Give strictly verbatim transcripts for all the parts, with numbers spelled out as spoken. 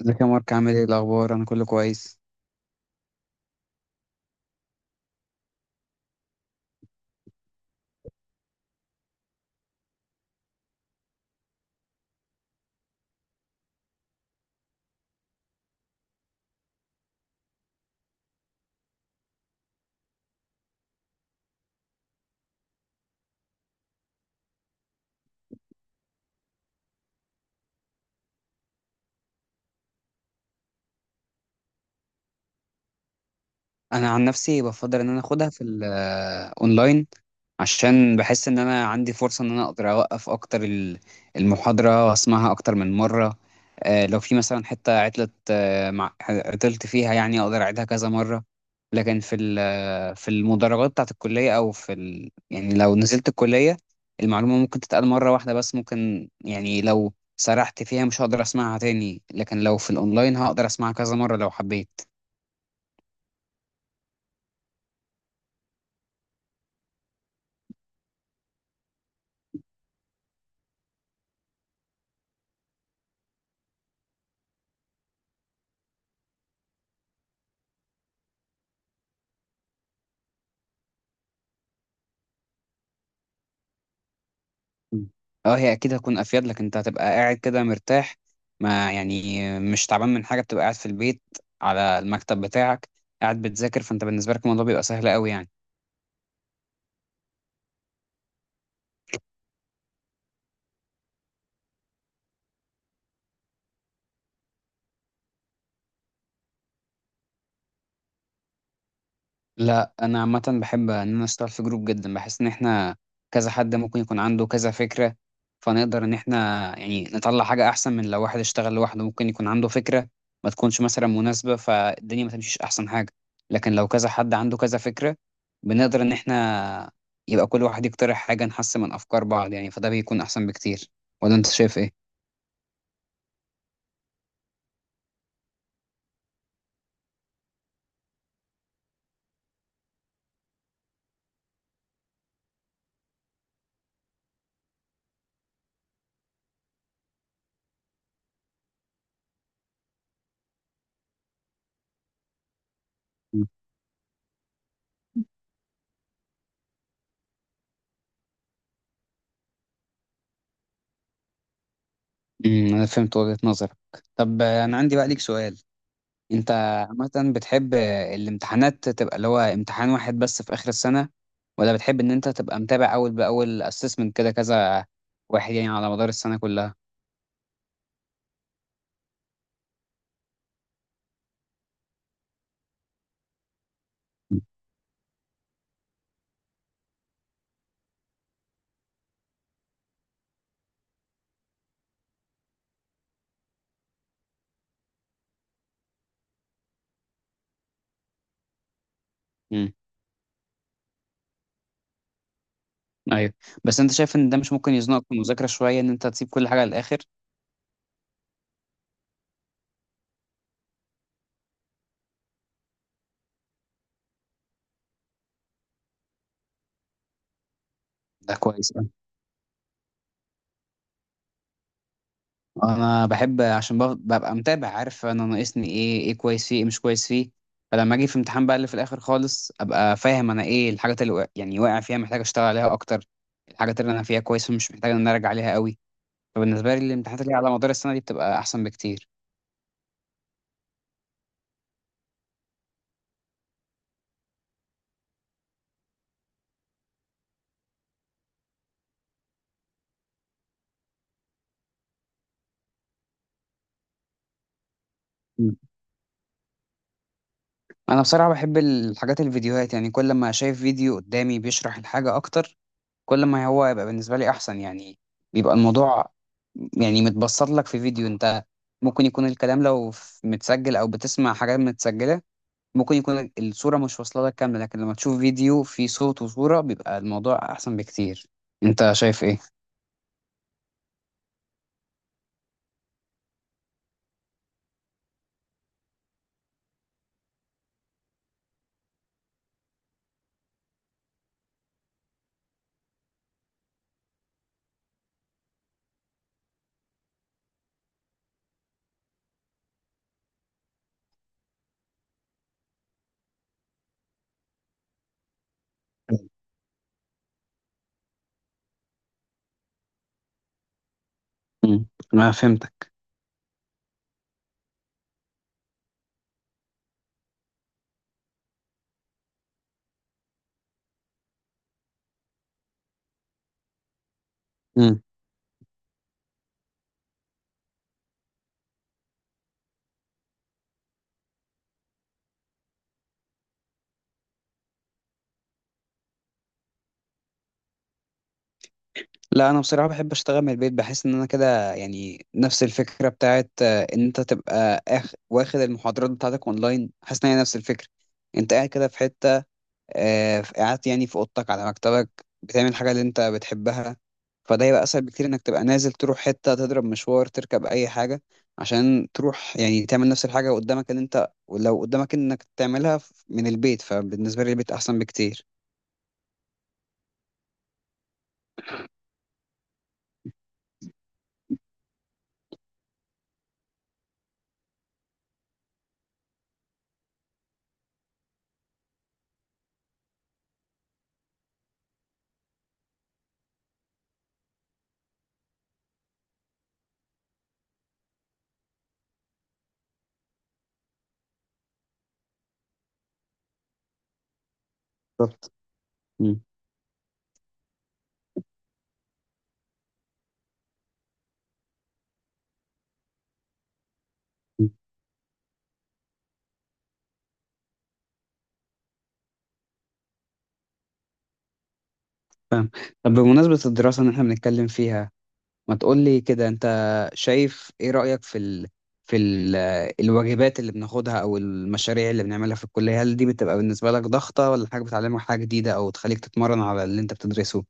ازيك يا مارك، عامل ايه الاخبار؟ انا كله كويس. انا عن نفسي بفضل ان انا اخدها في الاونلاين، عشان بحس ان انا عندي فرصه ان انا اقدر اوقف اكتر ال- المحاضره واسمعها اكتر من مره. آه، لو في مثلا حته عطلت، آه، مع عطلت فيها، يعني اقدر اعيدها كذا مره. لكن في ال- في المدرجات بتاعت الكليه، او في ال... يعني لو نزلت الكليه، المعلومه ممكن تتقال مره واحده بس، ممكن يعني لو سرحت فيها مش هقدر اسمعها تاني، لكن لو في الاونلاين هقدر اسمعها كذا مره لو حبيت. مم. اه، هي اكيد هتكون افيد لك، انت هتبقى قاعد كده مرتاح، ما يعني مش تعبان من حاجه، بتبقى قاعد في البيت على المكتب بتاعك قاعد بتذاكر، فانت بالنسبه لك الموضوع بيبقى سهل قوي يعني. لا، انا عامه بحب ان انا اشتغل في جروب جدا، بحس ان احنا كذا حد ممكن يكون عنده كذا فكره، فنقدر ان احنا يعني نطلع حاجه احسن. من لو واحد اشتغل لوحده ممكن يكون عنده فكره ما تكونش مثلا مناسبه فالدنيا ما تمشيش احسن حاجه، لكن لو كذا حد عنده كذا فكره بنقدر ان احنا يبقى كل واحد يقترح حاجه نحسن من افكار بعض يعني، فده بيكون احسن بكتير. ولا انت شايف ايه؟ امم، انا فهمت وجهة نظرك. طب آه، انا عندي بقى ليك سؤال. انت عامة بتحب الامتحانات تبقى اللي هو امتحان واحد بس في آخر السنة، ولا بتحب ان انت تبقى متابع اول بأول، assessment كده كذا واحد يعني على مدار السنة كلها؟ امم، ايوه. بس انت شايف ان ده مش ممكن يزنقك في المذاكرة شوية، ان انت تسيب كل حاجة للآخر؟ ده كويس أوي. انا بحب عشان بف- ببقى متابع، عارف انا ناقصني ايه، ايه كويس فيه، ايه مش كويس فيه. فلما اجي في امتحان بقى اللي في الآخر خالص، ابقى فاهم انا ايه الحاجات اللي وق- يعني واقع فيها محتاج اشتغل عليها اكتر، الحاجات اللي انا فيها كويس ومش محتاج ان انا ارجع عليها قوي. فبالنسبة لي الامتحانات اللي على مدار السنة دي بتبقى أحسن بكتير. مم. أنا بصراحة بحب الحاجات الفيديوهات، يعني كل ما شايف فيديو قدامي بيشرح الحاجة أكتر، كل ما هو يبقى بالنسبة لي أحسن يعني. بيبقى الموضوع يعني متبسط لك في فيديو. أنت ممكن يكون الكلام لو ف- متسجل أو بتسمع حاجات متسجلة، ممكن يكون الصورة مش واصلة لك كاملة، لكن لما تشوف فيديو فيه صوت وصورة بيبقى الموضوع أحسن بكتير. أنت شايف إيه؟ مم. ما فهمتك. لا انا بصراحه بحب اشتغل من البيت، بحس ان انا كده يعني نفس الفكره بتاعت آه، ان انت تبقى أخ... واخد المحاضرات بتاعتك اونلاين، حاسس ان هي نفس الفكره. انت قاعد كده في حته، آه، في- قاعد يعني في اوضتك على مكتبك بتعمل حاجه اللي انت بتحبها، فده يبقى اسهل بكتير. انك تبقى نازل تروح حته تضرب مشوار تركب اي حاجه عشان تروح يعني تعمل نفس الحاجه، قدامك ان انت لو قدامك انك تعملها ف- من البيت، فبالنسبه لي البيت احسن بكتير. بالظبط. مم. فاهم. طب بمناسبة الدراسة اللي احنا بنتكلم فيها، ما تقولي كده، انت شايف ايه رأيك في ال... في ال... الواجبات اللي بناخدها او المشاريع اللي بنعملها في الكلية؟ هل دي بتبقى بالنسبة لك ضغطة، ولا حاجة بتعلمك حاجة جديدة او تخليك تتمرن على اللي انت بتدرسه؟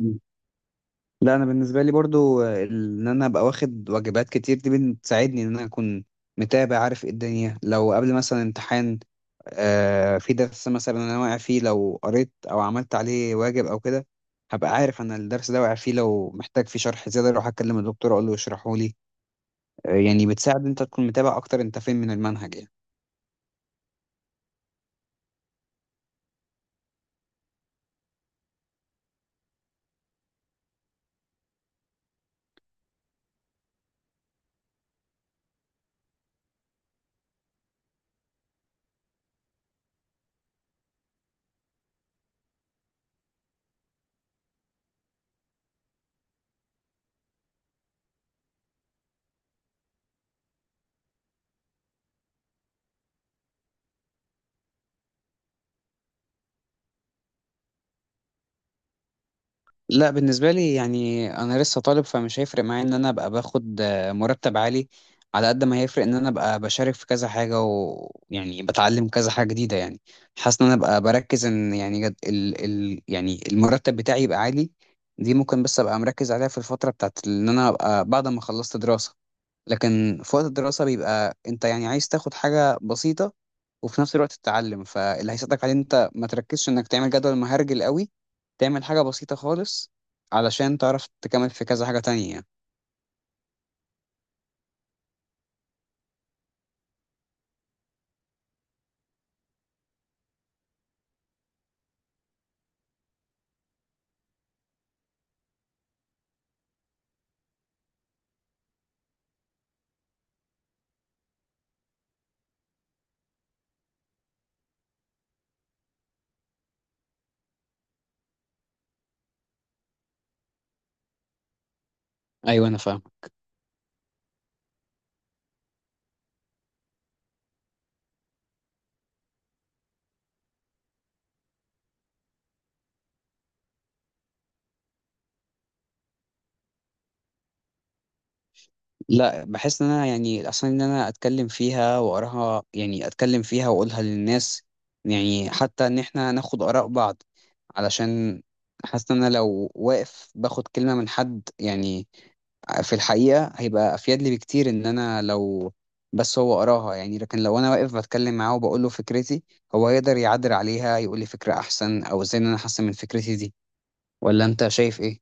مم. لا، انا بالنسبة لي برضو آه، ان انا ابقى واخد واجبات كتير دي بتساعدني ان انا اكون متابع، عارف ايه الدنيا. لو قبل مثلا امتحان، آه، في درس مثلا انا واقع فيه، لو قريت او عملت عليه واجب او كده هبقى عارف انا الدرس ده واقع فيه، لو محتاج فيه شرح زياده اروح اكلم الدكتور اقول له يشرحه لي. آه، يعني بتساعد انت تكون متابع اكتر انت فين من المنهج يعني. لا بالنسبة لي يعني أنا لسه طالب، فمش هيفرق معايا إن أنا أبقى باخد آه، مرتب عالي على قد ما هيفرق إن أنا أبقى بشارك في كذا حاجة، ويعني بتعلم كذا حاجة جديدة يعني. حاسس إن أنا أبقى بركز إن يعني جد ال ال يعني المرتب بتاعي يبقى عالي، دي ممكن بس أبقى مركز عليها في الفترة بتاعت إن أنا أبقى بعد ما خلصت دراسة. لكن في وقت الدراسة بيبقى انت يعني عايز تاخد حاجة بسيطة وفي نفس الوقت تتعلم، فاللي هيساعدك عليه انت ما تركزش انك تعمل جدول مهرجل قوي، تعمل حاجة بسيطة خالص علشان تعرف تكمل في كذا حاجة تانية. ايوه انا فاهم. لا، بحس ان انا يعني اصلا ان انا اتكلم فيها واقراها، يعني اتكلم فيها واقولها للناس، يعني حتى ان احنا ناخد اراء بعض، علشان حاسس ان انا لو واقف باخد كلمة من حد يعني، في الحقيقة هيبقى أفيد لي بكتير إن أنا لو بس هو قراها يعني، لكن لو أنا واقف بتكلم معاه وبقول له فكرتي، هو هيقدر يعدل عليها يقول لي فكرة أحسن، أو إزاي إن أنا أحسن من فكرتي دي. ولا أنت شايف إيه؟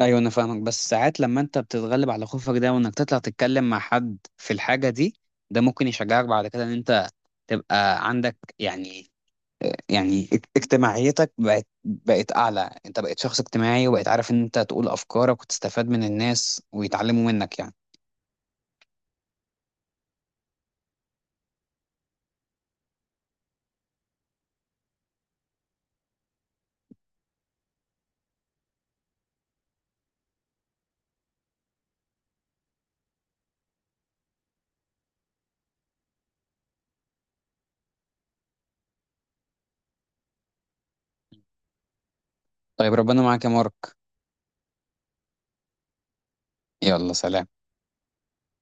أيوه أنا فاهمك، بس ساعات لما أنت بتتغلب على خوفك ده وإنك تطلع تتكلم مع حد في الحاجة دي، ده ممكن يشجعك بعد كده إن أنت تبقى عندك يعني، يعني اج- اجتماعيتك بقت بقت أعلى. أنت بقيت شخص اجتماعي وبقيت عارف إن أنت تقول أفكارك وتستفاد من الناس ويتعلموا منك يعني. طيب ربنا معاك يا مارك. يلا سلام.